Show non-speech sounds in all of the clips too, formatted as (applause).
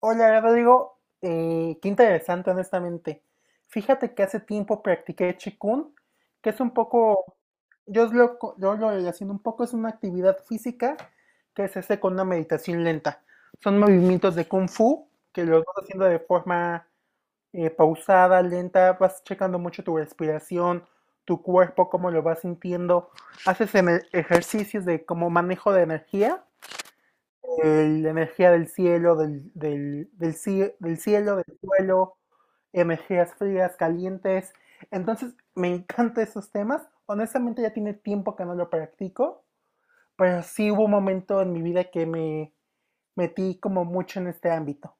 Hola Rodrigo. Qué interesante honestamente. Fíjate que hace tiempo practiqué Qigong, que es un poco, yo lo relaciono un poco, es una actividad física que se hace con una meditación lenta. Son movimientos de Kung Fu que los vas haciendo de forma pausada, lenta, vas checando mucho tu respiración, tu cuerpo, cómo lo vas sintiendo, haces ejercicios de como manejo de energía la energía del cielo, del cielo, del suelo, energías frías, calientes. Entonces, me encantan esos temas. Honestamente, ya tiene tiempo que no lo practico, pero sí hubo un momento en mi vida que me metí como mucho en este ámbito.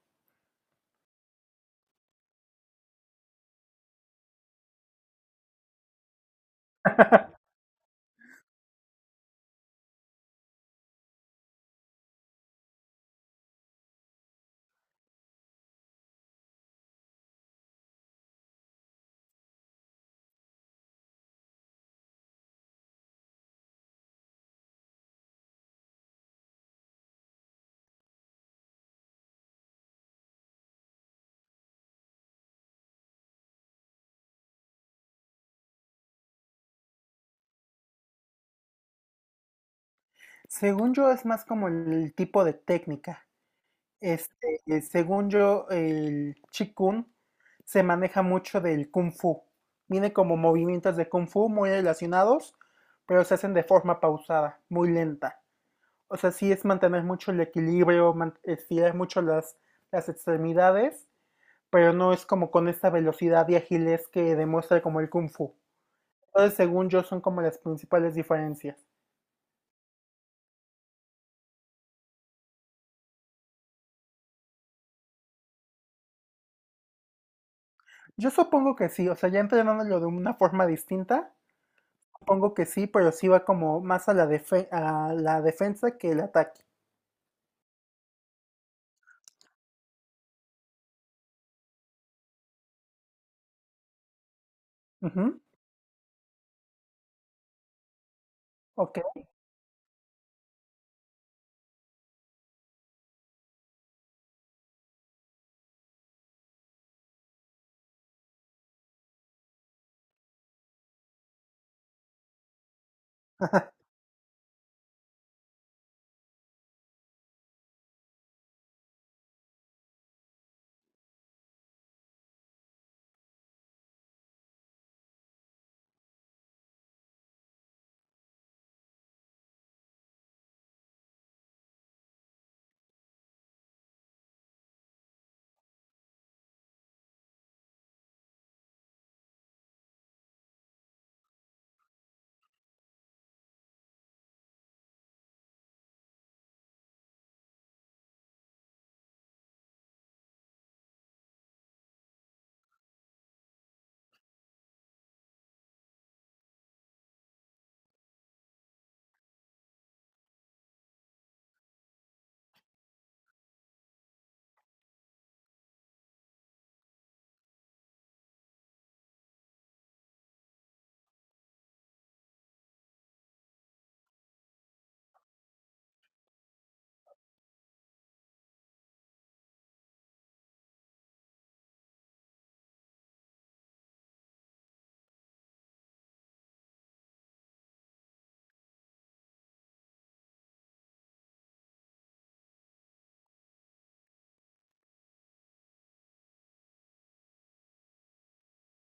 Según yo, es más como el tipo de técnica. Según yo, el Chikun se maneja mucho del Kung Fu. Viene como movimientos de Kung Fu muy relacionados, pero se hacen de forma pausada, muy lenta. O sea, sí es mantener mucho el equilibrio, estirar mucho las extremidades, pero no es como con esta velocidad y agilez que demuestra como el Kung Fu. Entonces, según yo, son como las principales diferencias. Yo supongo que sí, o sea, ya entrenándolo de una forma distinta. Supongo que sí, pero sí va como más a a la defensa que el ataque. Ujú. Ok,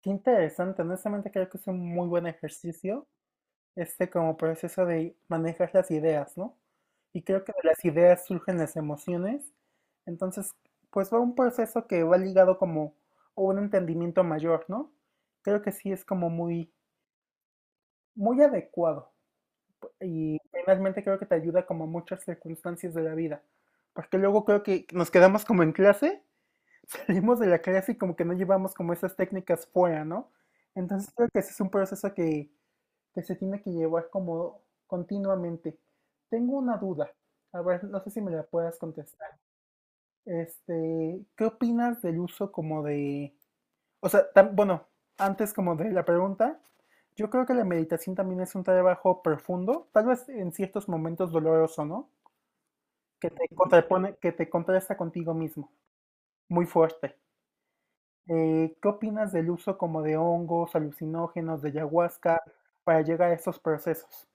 qué interesante. Honestamente creo que es un muy buen ejercicio, este como proceso de manejar las ideas, ¿no? Y creo que de las ideas surgen las emociones. Entonces, pues va un proceso que va ligado como a un entendimiento mayor, ¿no? Creo que sí es como muy, muy adecuado. Y finalmente creo que te ayuda como a muchas circunstancias de la vida. Porque luego creo que nos quedamos como en clase, salimos de la clase y como que no llevamos como esas técnicas fuera, ¿no? Entonces creo que ese es un proceso que se tiene que llevar como continuamente. Tengo una duda, a ver, no sé si me la puedas contestar. ¿Qué opinas del uso como de, o sea, bueno, antes como de la pregunta, yo creo que la meditación también es un trabajo profundo, tal vez en ciertos momentos doloroso, ¿no? Que te contrapone, que te contrasta contigo mismo, muy fuerte. ¿Qué opinas del uso como de hongos, alucinógenos, de ayahuasca para llegar a esos procesos?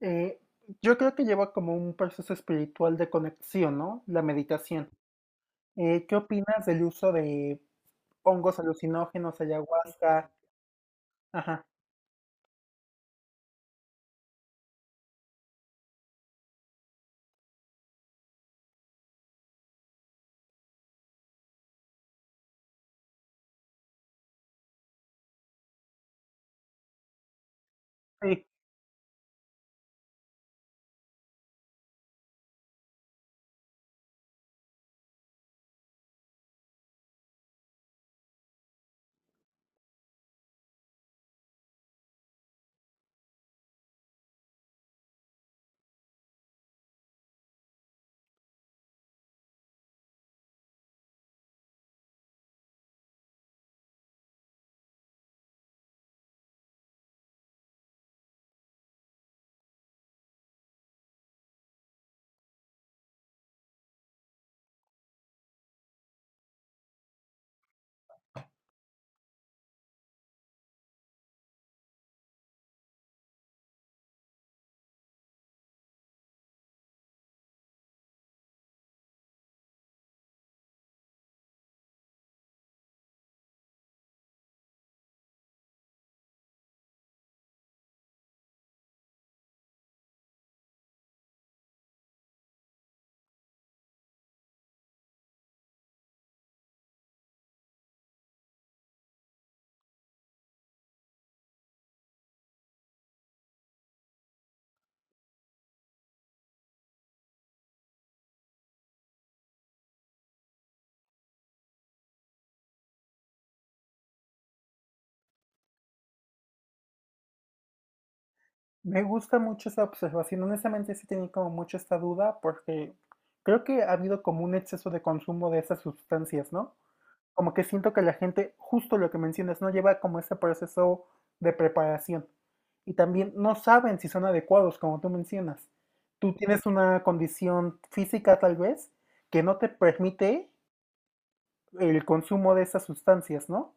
Eh, yo creo que lleva como un proceso espiritual de conexión, ¿no? La meditación. ¿Qué opinas del uso de hongos, alucinógenos, ayahuasca? Ajá. Sí, me gusta mucho esa observación. Honestamente, sí tenía como mucho esta duda porque creo que ha habido como un exceso de consumo de esas sustancias, ¿no? Como que siento que la gente, justo lo que mencionas, no lleva como ese proceso de preparación. Y también no saben si son adecuados, como tú mencionas. Tú tienes una condición física tal vez que no te permite el consumo de esas sustancias, ¿no?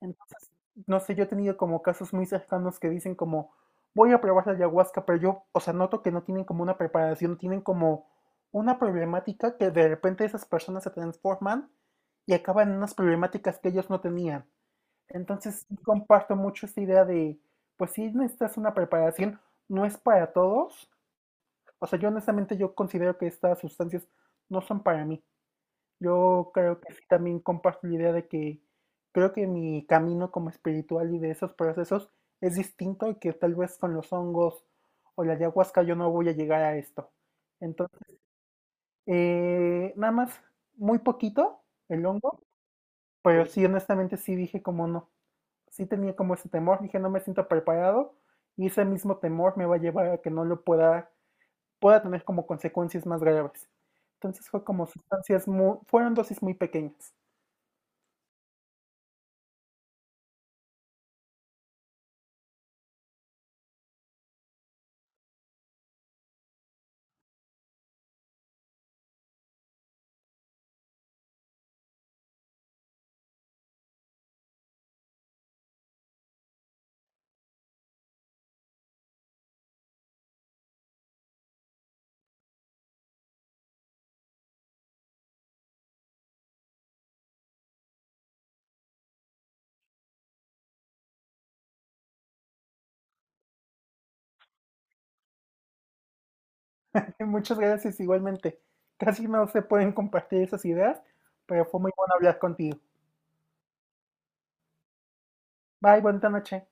Entonces, no sé, yo he tenido como casos muy cercanos que dicen como, voy a probar la ayahuasca, pero yo, o sea, noto que no tienen como una preparación, tienen como una problemática que de repente esas personas se transforman y acaban en unas problemáticas que ellos no tenían. Entonces, sí comparto mucho esta idea de, pues sí necesitas una preparación, no es para todos. O sea, yo honestamente yo considero que estas sustancias no son para mí. Yo creo que sí, también comparto la idea de que creo que mi camino como espiritual y de esos procesos es distinto y que tal vez con los hongos o la ayahuasca yo no voy a llegar a esto. Entonces, nada más, muy poquito el hongo, pero sí, honestamente sí dije como no. Sí tenía como ese temor, dije no me siento preparado y ese mismo temor me va a llevar a que no lo pueda tener como consecuencias más graves. Entonces fue como sustancias muy, fueron dosis muy pequeñas. (laughs) Muchas gracias igualmente. Casi no se pueden compartir esas ideas, pero fue muy bueno hablar contigo. Bye, buena noche.